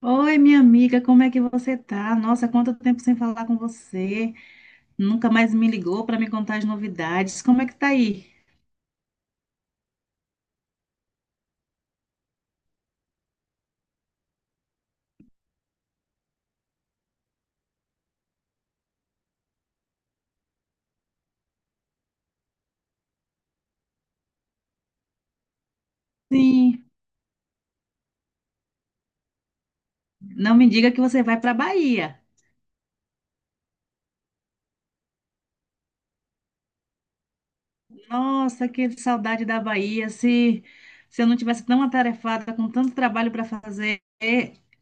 Oi, minha amiga, como é que você tá? Nossa, quanto tempo sem falar com você. Nunca mais me ligou para me contar as novidades. Como é que tá aí? Sim, não me diga que você vai para Bahia. Nossa, que saudade da Bahia. Se eu não tivesse tão atarefada com tanto trabalho para fazer,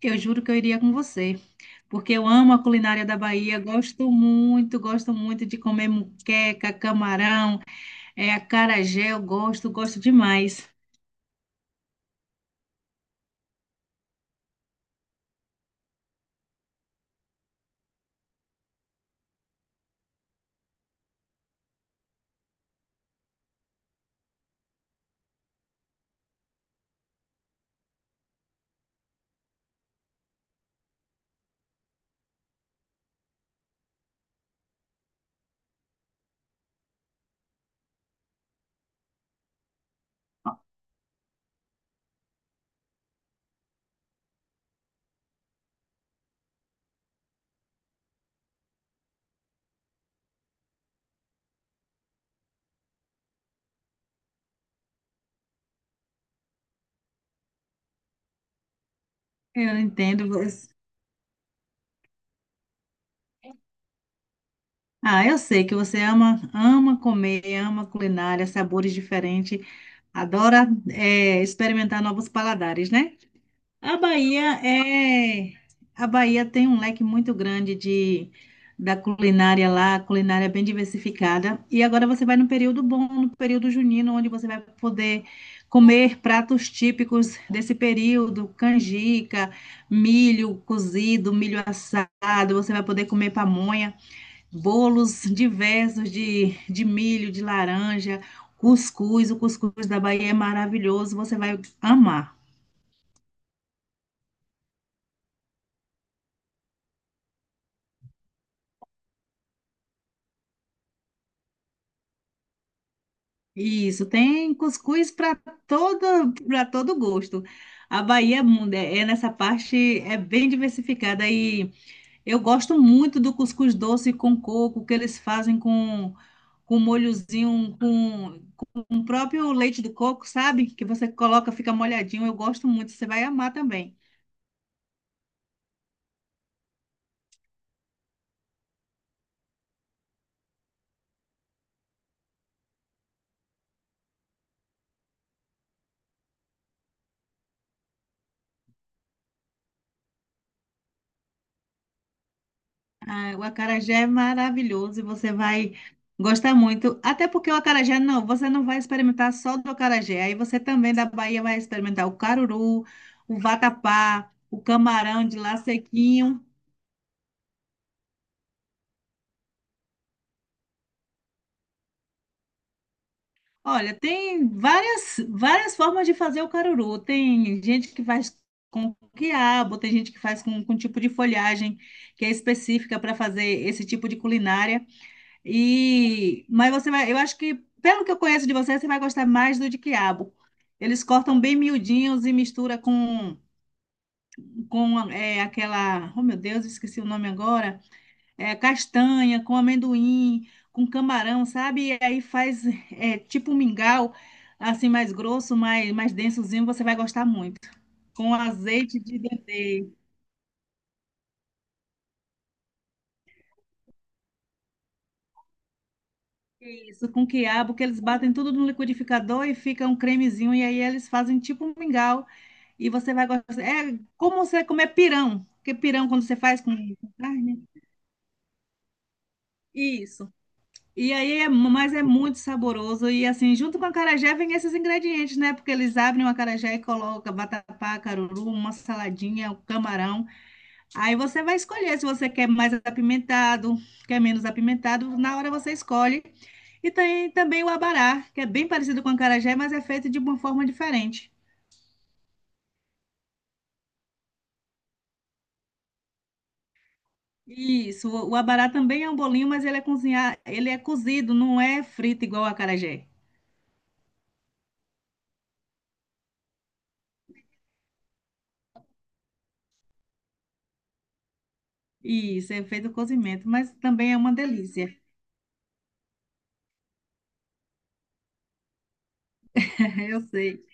eu juro que eu iria com você. Porque eu amo a culinária da Bahia, gosto muito de comer muqueca, camarão, acarajé, eu gosto, gosto demais. Eu entendo você. Ah, eu sei que você ama, ama comer, ama culinária, sabores diferentes, adora experimentar novos paladares, né? A Bahia é, a Bahia tem um leque muito grande de da culinária lá, a culinária é bem diversificada. E agora você vai no período bom, no período junino, onde você vai poder comer pratos típicos desse período, canjica, milho cozido, milho assado, você vai poder comer pamonha, bolos diversos de milho, de laranja, cuscuz. O cuscuz da Bahia é maravilhoso, você vai amar. Isso, tem cuscuz para todo gosto. A Bahia nessa parte é bem diversificada e eu gosto muito do cuscuz doce com coco que eles fazem com um molhozinho com o próprio leite do coco, sabe? Que você coloca, fica molhadinho. Eu gosto muito, você vai amar também. Ah, o acarajé é maravilhoso e você vai gostar muito. Até porque o acarajé, não, você não vai experimentar só do acarajé. Aí você também da Bahia vai experimentar o caruru, o vatapá, o camarão de lá sequinho. Olha, tem várias, várias formas de fazer o caruru. Tem gente que faz com quiabo, tem gente que faz com tipo de folhagem que é específica para fazer esse tipo de culinária. E, mas você vai, eu acho que, pelo que eu conheço de você, você vai gostar mais do de quiabo. Eles cortam bem miudinhos e mistura com, aquela, oh meu Deus, esqueci o nome agora, castanha, com amendoim, com camarão, sabe? E aí faz tipo um mingau, assim, mais grosso, mais, mais densozinho, você vai gostar muito. Com azeite de dendê. Isso, com quiabo, que eles batem tudo no liquidificador e fica um cremezinho, e aí eles fazem tipo um mingau. E você vai gostar. É como você comer pirão, porque pirão quando você faz com carne. Isso. Mas é muito saboroso. E assim, junto com a acarajé vem esses ingredientes, né? Porque eles abrem o acarajé e colocam vatapá, caruru, uma saladinha, o camarão. Aí você vai escolher se você quer mais apimentado, quer menos apimentado, na hora você escolhe. E tem também o abará, que é bem parecido com o acarajé, mas é feito de uma forma diferente. Isso, o abará também é um bolinho, mas ele é cozinhar, ele é cozido, não é frito igual o acarajé. Isso, é feito cozimento, mas também é uma delícia. Eu sei.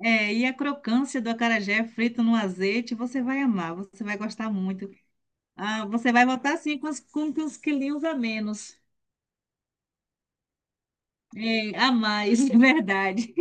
É, e a crocância do acarajé frito no azeite, você vai amar, você vai gostar muito. Ah, você vai voltar assim com os quilinhos a menos. É, a mais, é verdade.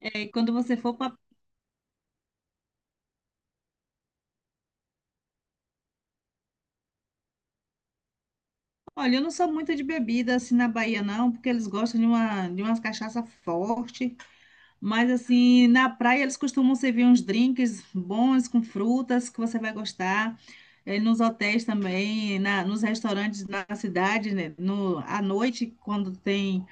É, e quando você for para. Olha, eu não sou muito de bebida assim na Bahia, não, porque eles gostam de uma, de umas cachaça forte. Mas assim, na praia eles costumam servir uns drinks bons com frutas que você vai gostar. É, nos hotéis também, nos restaurantes na cidade, né? No, à noite, quando tem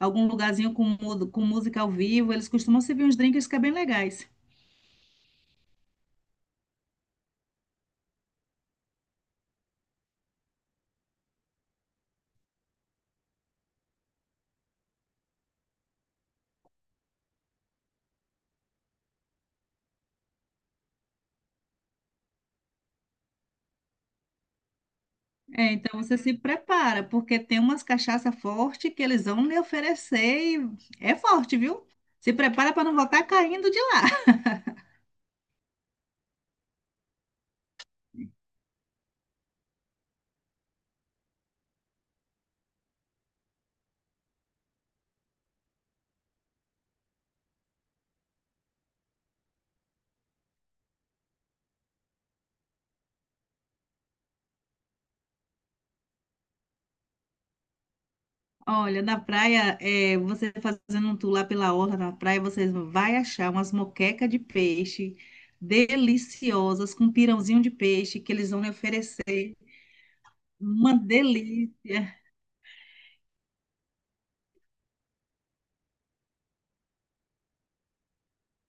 algum lugarzinho com, com música ao vivo, eles costumam servir uns drinks que é bem legais. É, então você se prepara, porque tem umas cachaça forte que eles vão lhe oferecer e é forte, viu? Se prepara para não voltar caindo de lá. Olha, na praia, você fazendo um tour lá pela orla na praia, vocês vai achar umas moquecas de peixe deliciosas com pirãozinho de peixe que eles vão lhe oferecer. Uma delícia,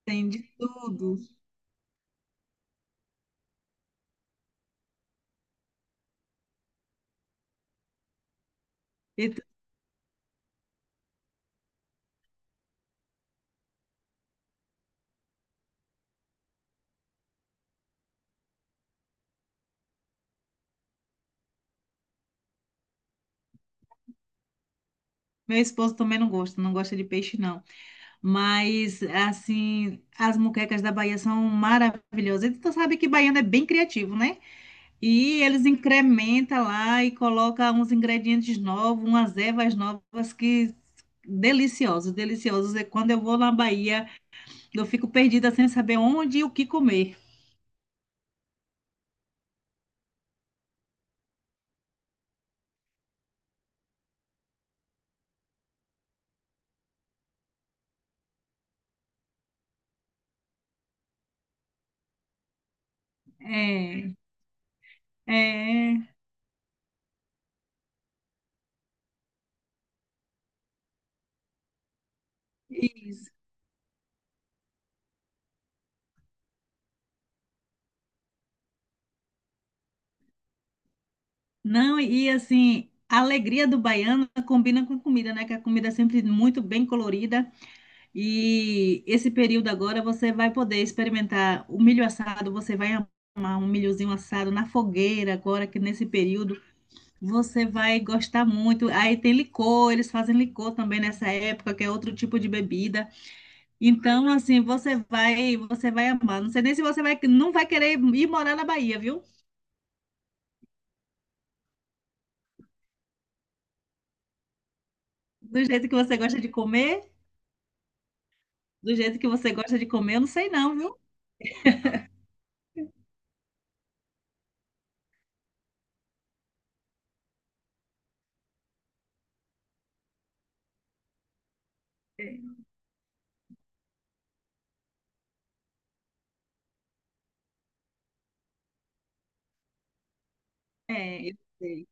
tem de tudo. E t- Meu esposo também não gosta, não gosta de peixe não. Mas, assim, as muquecas da Bahia são maravilhosas. E tu sabe que baiano é bem criativo, né? E eles incrementam lá e colocam uns ingredientes novos, umas ervas novas que deliciosos, deliciosos. E quando eu vou na Bahia, eu fico perdida sem saber onde e o que comer. É, é, isso. Não, e assim, a alegria do baiano combina com comida, né? Que a comida é sempre muito bem colorida. E esse período agora você vai poder experimentar o milho assado, você vai amar um milhozinho assado na fogueira agora que nesse período você vai gostar muito. Aí tem licor, eles fazem licor também nessa época, que é outro tipo de bebida. Então, assim, você vai amar. Não sei nem se você vai, não vai querer ir morar na Bahia, viu? Do jeito que você gosta de comer, do jeito que você gosta de comer, eu não sei não, viu? É, eu sei.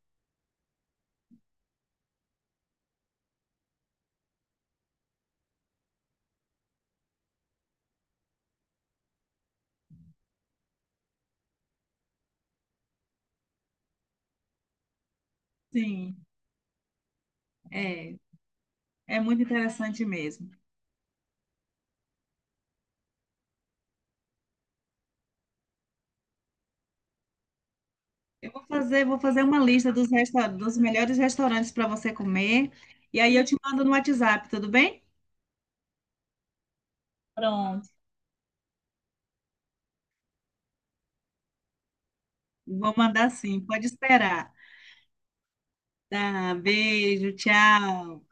Sim, é, é muito interessante mesmo. Eu vou fazer uma lista dos, dos melhores restaurantes para você comer. E aí eu te mando no WhatsApp, tudo bem? Pronto. Vou mandar sim, pode esperar. Tá, beijo, tchau.